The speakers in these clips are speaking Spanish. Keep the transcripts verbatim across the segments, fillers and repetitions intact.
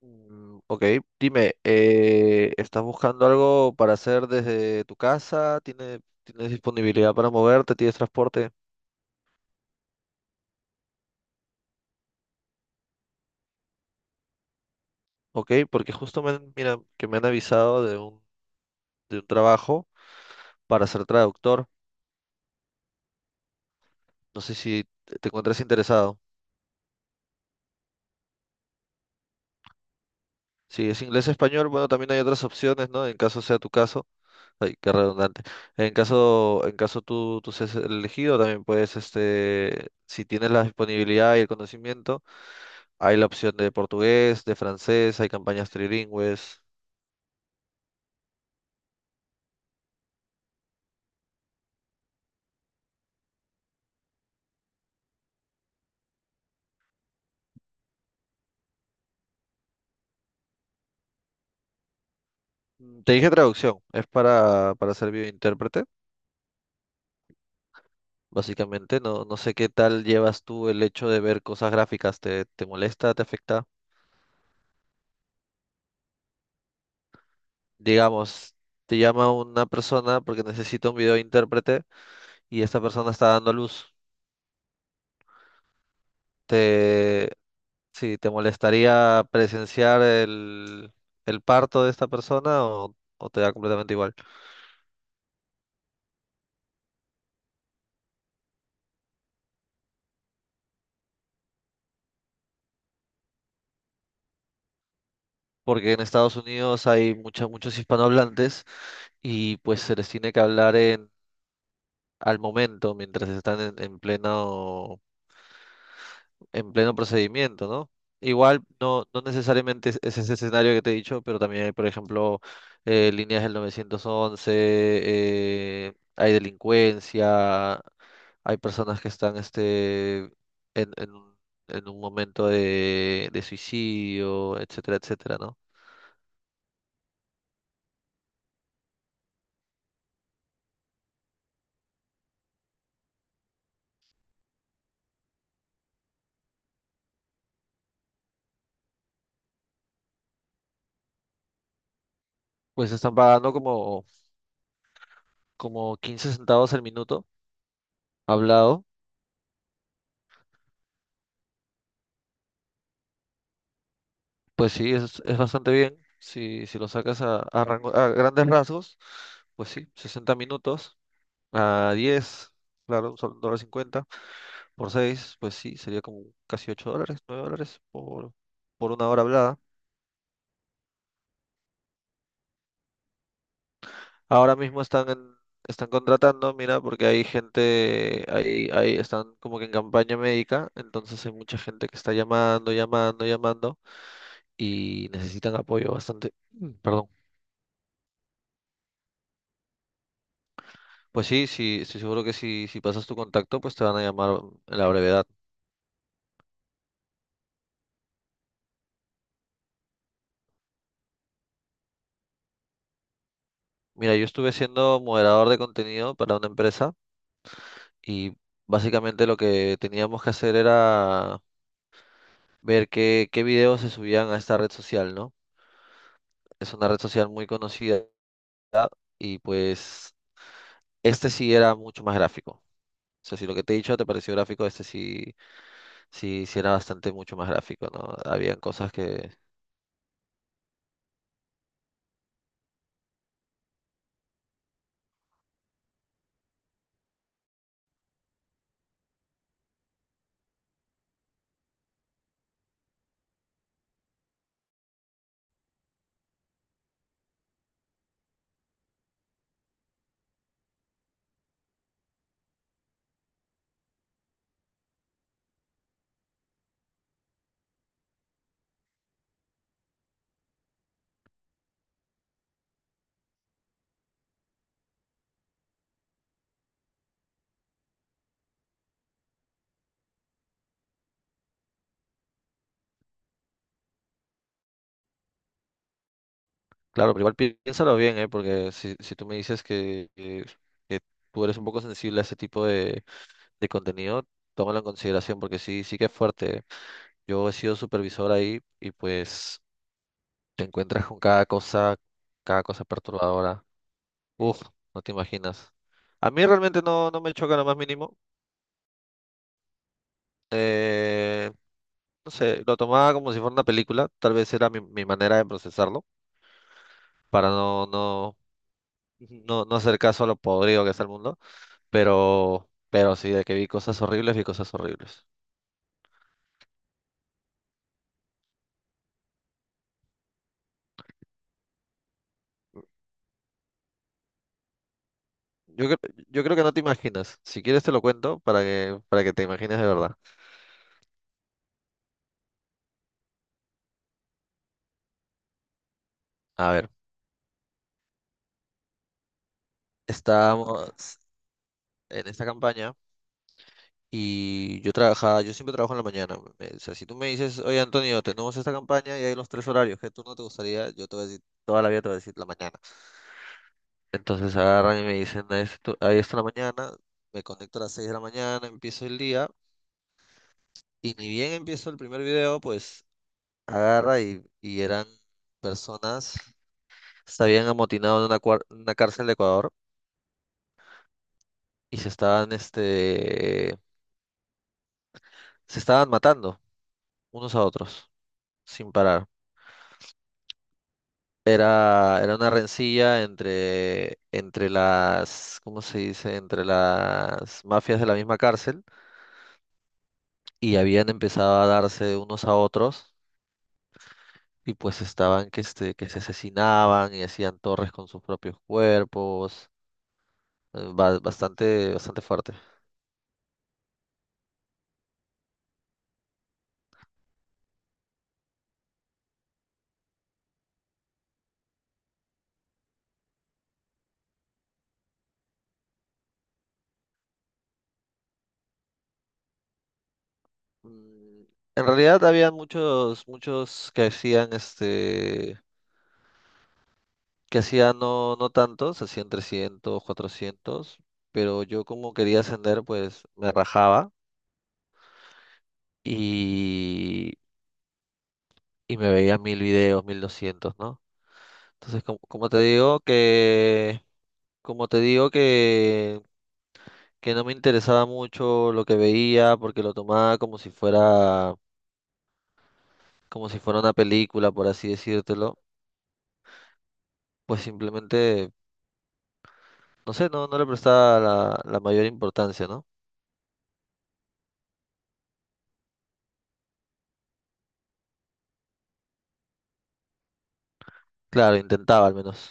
Mm, Ok, dime, eh, ¿estás buscando algo para hacer desde tu casa? ¿Tiene- ¿Tienes disponibilidad para moverte? ¿Tienes transporte? Ok, porque justo me, han- mira, que me han avisado de un, de un trabajo para ser traductor. No sé si te te encuentras interesado. Si es inglés-español, bueno, también hay otras opciones, ¿no? En caso sea tu caso. Ay, qué redundante. En caso, en caso tú, tú seas elegido, también puedes, este, si tienes la disponibilidad y el conocimiento. Hay la opción de portugués, de francés, hay campañas trilingües. Mm, Te dije traducción, es para, para ser videointérprete, básicamente. No, no sé qué tal llevas tú el hecho de ver cosas gráficas. ¿Te, te molesta? ¿Te afecta? Digamos, te llama una persona porque necesita un videointérprete y esta persona está dando a luz. ¿Te, sí, te molestaría presenciar el, el parto de esta persona o, o te da completamente igual? Porque en Estados Unidos hay mucha- muchos hispanohablantes y pues se les tiene que hablar en, al momento, mientras están en, en pleno, en pleno procedimiento, ¿no? Igual no, no necesariamente es es ese escenario que te he dicho, pero también hay, por ejemplo, eh, líneas del nueve once, eh, hay delincuencia, hay personas que están este, en, en un en un momento de, de suicidio, etcétera, etcétera, ¿no? Pues están pagando como como quince centavos el minuto hablado. Pues sí, es, es bastante bien. Si, si lo sacas a, a rango- a grandes rasgos, pues sí, sesenta minutos a diez, claro, un sol- un dólar cincuenta por seis, pues sí, sería como casi ocho dólares, nueve dólares por, por una hora hablada. Ahora mismo están en- Están contratando, mira, porque hay gente, hay, hay, están como que en campaña médica, entonces hay mucha gente que está llamando, llamando, llamando y necesitan apoyo bastante. Perdón. Pues sí, sí, estoy seguro que si, si pasas tu contacto, pues te van a llamar en la brevedad. Mira, yo estuve siendo moderador de contenido para una empresa y básicamente lo que teníamos que hacer era ver qué, qué videos se subían a esta red social, ¿no? Es una red social muy conocida y pues este sí era mucho más gráfico. O sea, si lo que te he dicho te pareció gráfico, este sí, sí, sí era bastante mucho más gráfico, ¿no? Habían cosas que... Claro, pero igual pi- piénsalo bien, ¿eh? Porque si, si tú me dices que, que- que tú eres un poco sensible a ese tipo de, de contenido, tómalo en consideración porque sí, sí que es fuerte. Yo he sido supervisor ahí y pues te encuentras con cada cosa, cada cosa perturbadora. Uf, no te imaginas. A mí realmente no, no me choca lo más mínimo. Eh, no sé, lo tomaba como si fuera una película. Tal vez era mi, mi manera de procesarlo para no, no, no, no hacer caso a lo podrido que está el mundo. Pero, pero sí, de que vi cosas horribles, vi cosas horribles. Yo, cre- yo creo que no te imaginas. Si quieres te lo cuento para que, para que te imagines de verdad. A ver, estábamos en esta campaña y yo trabajaba, yo siempre trabajo en la mañana. me- O sea, si tú me dices, oye Antonio, tenemos esta campaña y hay los tres horarios que tú no te gustaría, yo te voy a decir, toda la vida te voy a decir la mañana. Entonces agarran y me dicen, ahí está ahí está la mañana, me conecto a las seis de la mañana, empiezo el día y ni bien empiezo el primer video, pues agarra y, y eran personas, se habían amotinado en una, cuar- en una cárcel de Ecuador y se estaban, este, se estaban matando unos a otros sin parar. Era, era una rencilla entre, entre las, ¿cómo se dice? Entre las mafias de la misma cárcel y habían empezado a darse unos a otros y pues estaban que, este, que se asesinaban y hacían torres con sus propios cuerpos. eh, ba- Bastante, bastante fuerte. Mm, En realidad había muchos, muchos que hacían este, que hacían no, no tantos, hacían trescientos cuatrocientos, pero yo como quería ascender, pues me rajaba y, y me veía mil videos, mil doscientos, ¿no? Entonces, como, como te digo que, como te digo que, que no me interesaba mucho lo que veía porque lo tomaba como si fuera, como si fuera una película, por así decírtelo, pues simplemente no sé, no, no le prestaba la, la mayor importancia, ¿no? Claro, intentaba al menos.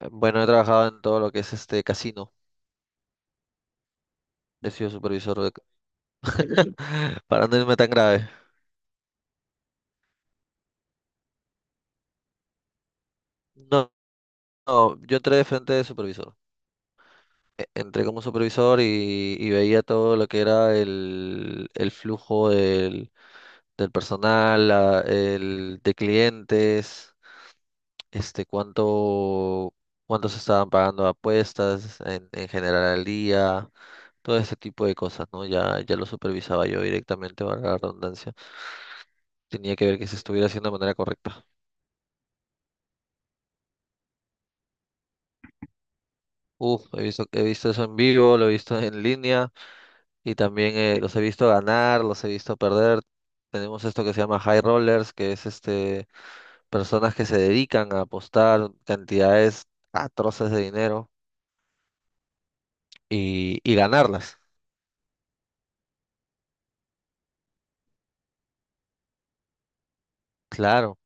Eh, Bueno, he trabajado en todo lo que es este casino. He sido supervisor de, para no irme tan grave. No, no, yo entré de frente de supervisor. E- Entré como supervisor y, y veía todo lo que era el, el flujo del, del personal, la- el de clientes, este, cuánto, cuánto se estaban pagando apuestas en, en general al día, todo este tipo de cosas, ¿no? Ya, ya lo supervisaba yo directamente, para la redundancia. Tenía que ver que se estuviera haciendo de manera correcta. Uf, he visto, he visto eso en vivo, lo he visto en línea y también eh, los he visto ganar, los he visto perder. Tenemos esto que se llama high rollers, que es este personas que se dedican a apostar cantidades atroces de dinero y, y ganarlas. Claro.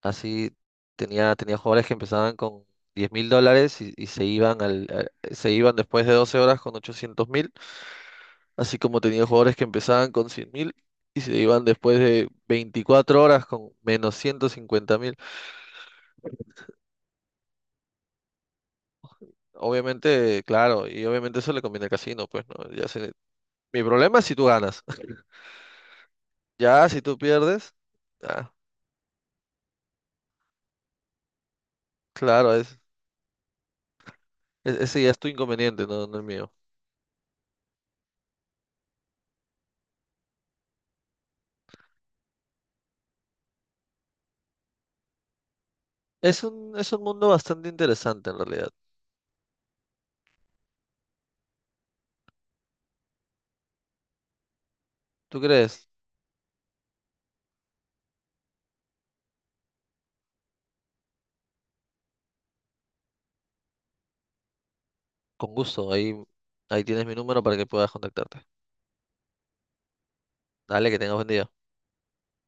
Así tenía, tenía jugadores que empezaban con diez mil dólares y, y se iban al, a- se iban después de doce horas con ochocientos mil, así como tenía jugadores que empezaban con cien mil y se iban después de veinticuatro horas con menos ciento cincuenta mil. Obviamente, claro, y obviamente eso le conviene al casino, pues no, ya sé. Mi problema es si tú ganas, ya si tú pierdes, ah, claro, es, es- ese ya es tu inconveniente, no, no el mío. Es un, es un mundo bastante interesante en realidad. ¿Tú crees? Con gusto, ahí, ahí tienes mi número para que puedas contactarte. Dale, que tengas buen día.